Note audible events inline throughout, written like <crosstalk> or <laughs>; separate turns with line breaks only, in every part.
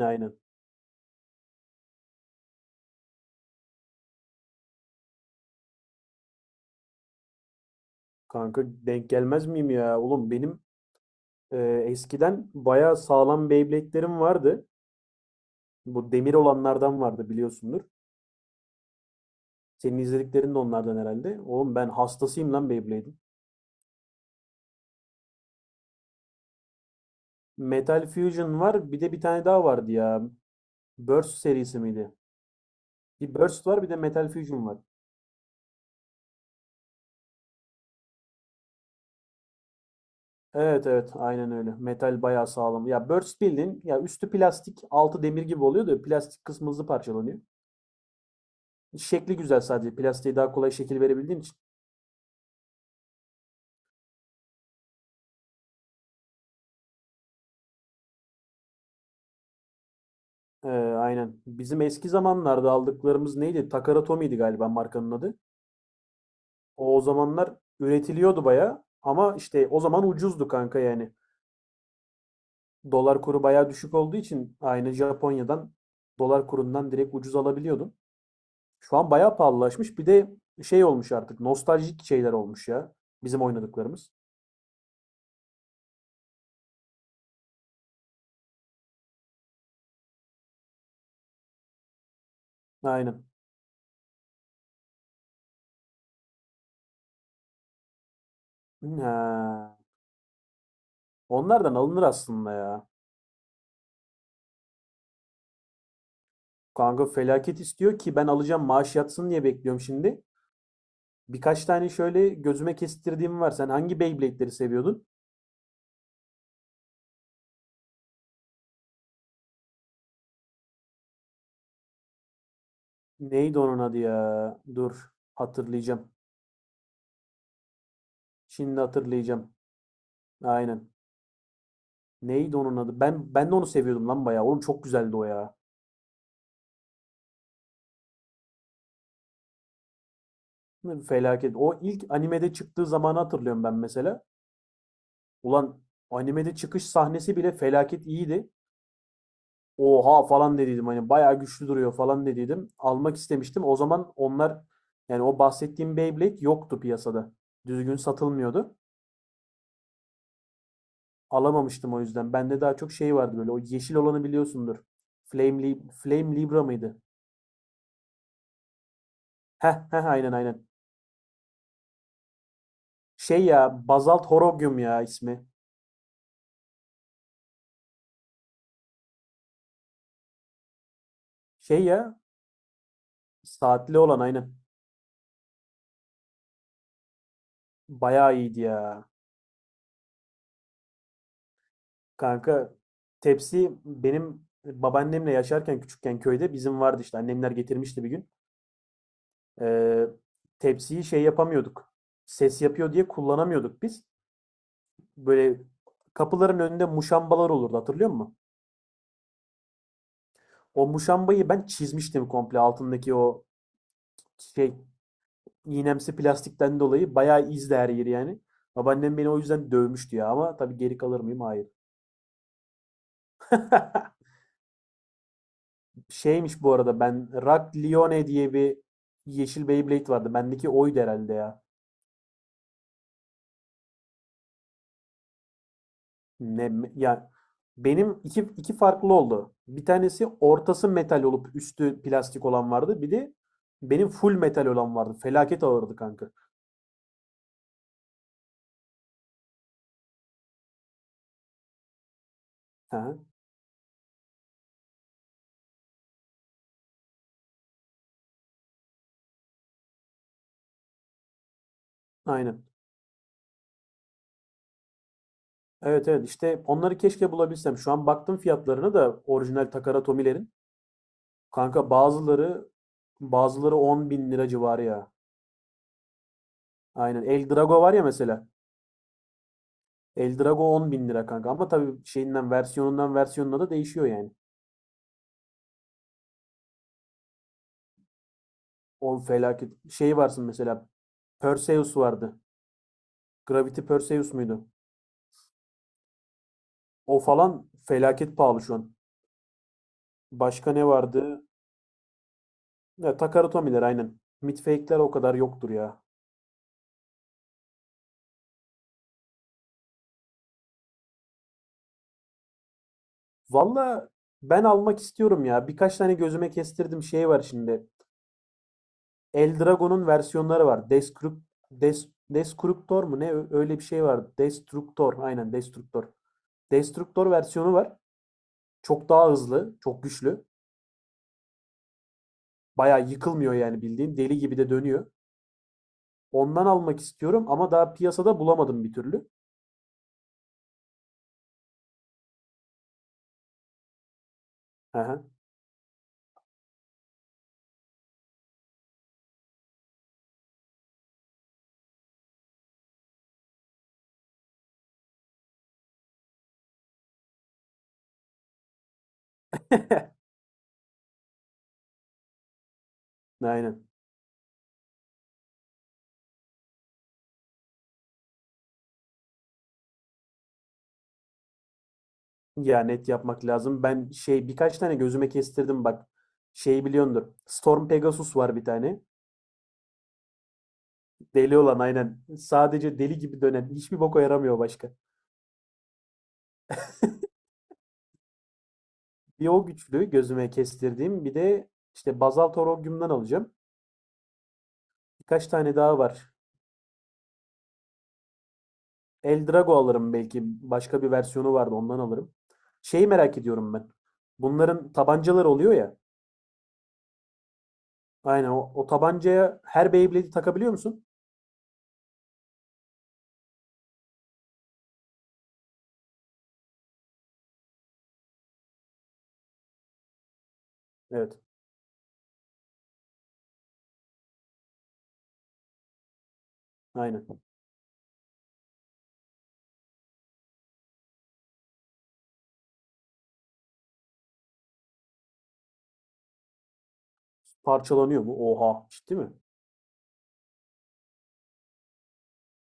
Aynen. Kanka denk gelmez miyim ya? Oğlum benim e, eskiden bayağı sağlam Beyblade'lerim vardı. Bu demir olanlardan vardı biliyorsundur. Senin izlediklerin de onlardan herhalde. Oğlum ben hastasıyım lan Beyblade'in. Metal Fusion var. Bir de bir tane daha vardı ya. Burst serisi miydi? Bir Burst var bir de Metal Fusion var. Evet evet aynen öyle. Metal bayağı sağlam. Ya Burst bildiğin ya üstü plastik altı demir gibi oluyor da plastik kısmı hızlı parçalanıyor. Şekli güzel sadece. Plastiğe daha kolay şekil verebildiğin için. Ee, aynen. Bizim eski zamanlarda aldıklarımız neydi? Takara Tommy'ydi galiba markanın adı. O zamanlar üretiliyordu baya ama işte o zaman ucuzdu kanka yani. Dolar kuru baya düşük olduğu için aynı Japonya'dan dolar kurundan direkt ucuz alabiliyordun. Şu an baya pahalılaşmış. Bir de şey olmuş artık nostaljik şeyler olmuş ya bizim oynadıklarımız. Aynen. Ha. Onlardan alınır aslında ya. Kanka felaket istiyor ki ben alacağım maaş yatsın diye bekliyorum şimdi. Birkaç tane şöyle gözüme kestirdiğim var. Sen hangi Beyblade'leri seviyordun? Neydi onun adı ya? Dur, hatırlayacağım. Şimdi hatırlayacağım. Aynen. Neydi onun adı? Ben de onu seviyordum lan bayağı. Oğlum çok güzeldi o ya. Felaket. O ilk animede çıktığı zamanı hatırlıyorum ben mesela. Ulan animede çıkış sahnesi bile felaket iyiydi. Oha falan dediydim. Hani bayağı güçlü duruyor falan dediydim. Almak istemiştim. O zaman onlar yani o bahsettiğim Beyblade yoktu piyasada. Düzgün satılmıyordu. Alamamıştım o yüzden. Bende daha çok şey vardı böyle. O yeşil olanı biliyorsundur. Flame Libra mıydı? Heh heh aynen aynen. Şey ya Basalt Horogium ya ismi. Şey ya saatli olan aynen. Bayağı iyiydi ya. Kanka tepsi benim babaannemle yaşarken küçükken köyde bizim vardı işte. Annemler getirmişti bir gün. Ee, tepsiyi şey yapamıyorduk. Ses yapıyor diye kullanamıyorduk biz. Böyle kapıların önünde muşambalar olurdu hatırlıyor musun? O muşambayı ben çizmiştim komple altındaki o şey iğnemsi plastikten dolayı bayağı izdi her yeri yani. Babaannem beni o yüzden dövmüştü ya ama tabii geri kalır mıyım? Hayır. <laughs> Şeymiş bu arada ben Rock Lione diye bir yeşil Beyblade vardı. Bendeki oydu herhalde ya. Ne ya benim iki farklı oldu. Bir tanesi ortası metal olup üstü plastik olan vardı. Bir de benim full metal olan vardı. Felaket ağırdı kanka. Ha, aynen. Evet evet işte onları keşke bulabilsem. Şu an baktım fiyatlarına da orijinal Takara Tomilerin. Kanka bazıları 10 bin lira civarı ya. Aynen. El Drago var ya mesela. El Drago 10 bin lira kanka. Ama tabii şeyinden versiyonundan versiyonuna da değişiyor yani. O felaket. Şey varsın mesela. Perseus vardı. Gravity Perseus muydu? O falan felaket pahalı şu an. Başka ne vardı? Ya, Takara Tomiler aynen. Midfake'ler o kadar yoktur ya. Valla ben almak istiyorum ya. Birkaç tane gözüme kestirdim şey var şimdi. Eldragon'un versiyonları var. Destructor mu ne? Öyle bir şey var. Destructor. Aynen Destructor. Destructor versiyonu var. Çok daha hızlı, çok güçlü. Bayağı yıkılmıyor yani bildiğin. Deli gibi de dönüyor. Ondan almak istiyorum ama daha piyasada bulamadım bir türlü. Aha. <laughs> Aynen. Ya net yapmak lazım. Ben şey birkaç tane gözüme kestirdim bak. Şey biliyordur. Storm Pegasus var bir tane. Deli olan aynen. Sadece deli gibi dönen. Hiçbir boka yaramıyor başka. Bir o güçlü gözüme kestirdiğim. Bir de işte Bazal Torogium'dan alacağım. Birkaç tane daha var. Eldrago alırım belki. Başka bir versiyonu vardı ondan alırım. Şeyi merak ediyorum ben. Bunların tabancaları oluyor ya. Aynen o tabancaya her Beyblade'i takabiliyor musun? Evet. Aynen. Parçalanıyor mu? Oha. Ciddi mi?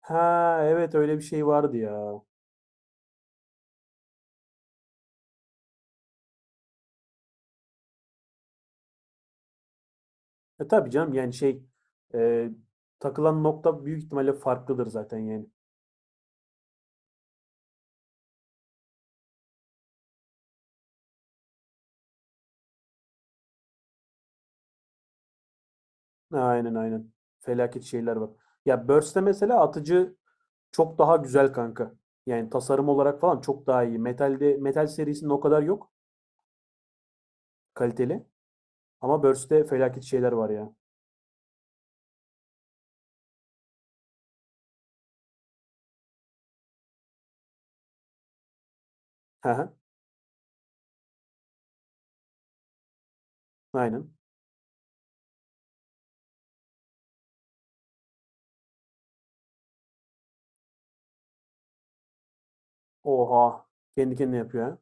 Ha, evet öyle bir şey vardı ya. E tabii canım yani şey e, takılan nokta büyük ihtimalle farklıdır zaten yani. Aynen aynen. Felaket şeyler var. Ya Burst'te mesela atıcı çok daha güzel kanka. Yani tasarım olarak falan çok daha iyi. Metal'de Metal serisinin o kadar yok kaliteli. Ama Burst'te felaket şeyler var ya. Hı hı. Aynen. Oha. Kendi kendine yapıyor ha.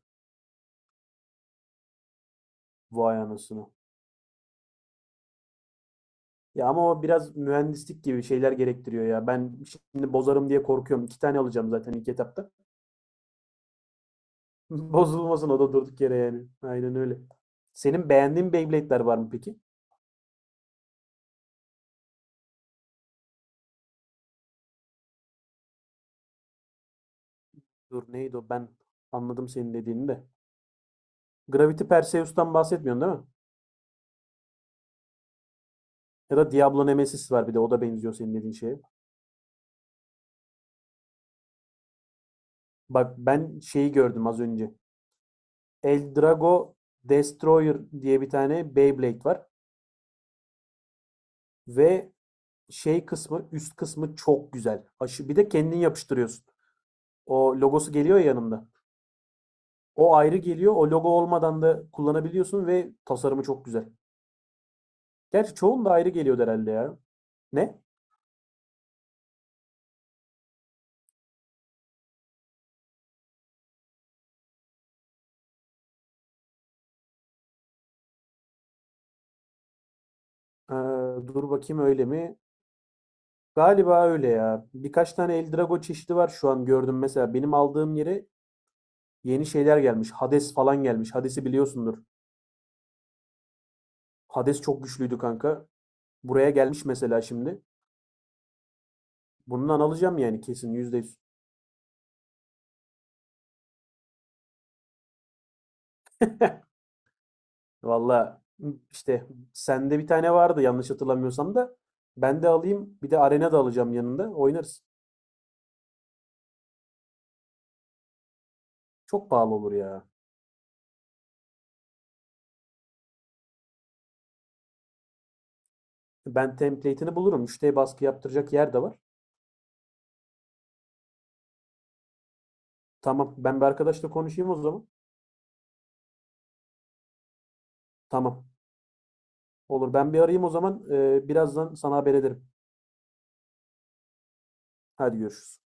Vay anasını. Ya ama o biraz mühendislik gibi şeyler gerektiriyor ya. Ben şimdi bozarım diye korkuyorum. İki tane alacağım zaten ilk etapta. <laughs> Bozulmasın o da durduk yere yani. Aynen öyle. Senin beğendiğin Beyblade'ler var mı peki? Dur neydi o? Ben anladım senin dediğini de. Gravity Perseus'tan bahsetmiyorsun değil mi? Ya da Diablo Nemesis var bir de o da benziyor senin dediğin şeye. Bak ben şeyi gördüm az önce. Eldrago Destroyer diye bir tane Beyblade var. Ve şey kısmı üst kısmı çok güzel. Aşı, bir de kendin yapıştırıyorsun. O logosu geliyor ya yanında. O ayrı geliyor. O logo olmadan da kullanabiliyorsun ve tasarımı çok güzel. Gerçi çoğun da ayrı geliyordu herhâlde ya. Ne? Eee, dur bakayım öyle mi? Galiba öyle ya. Birkaç tane Eldrago çeşidi var şu an gördüm mesela. Benim aldığım yere yeni şeyler gelmiş. Hades falan gelmiş. Hades'i biliyorsundur. Hades çok güçlüydü kanka. Buraya gelmiş mesela şimdi. Bundan alacağım yani kesin %100. Valla işte sende bir tane vardı yanlış hatırlamıyorsam da. Ben de alayım. Bir de arena da alacağım yanında. Oynarız. Çok pahalı olur ya. Ben template'ini bulurum. Müşteri baskı yaptıracak yer de var. Tamam. Ben bir arkadaşla konuşayım o zaman. Tamam. Olur. Ben bir arayayım o zaman. Birazdan sana haber ederim. Hadi görüşürüz.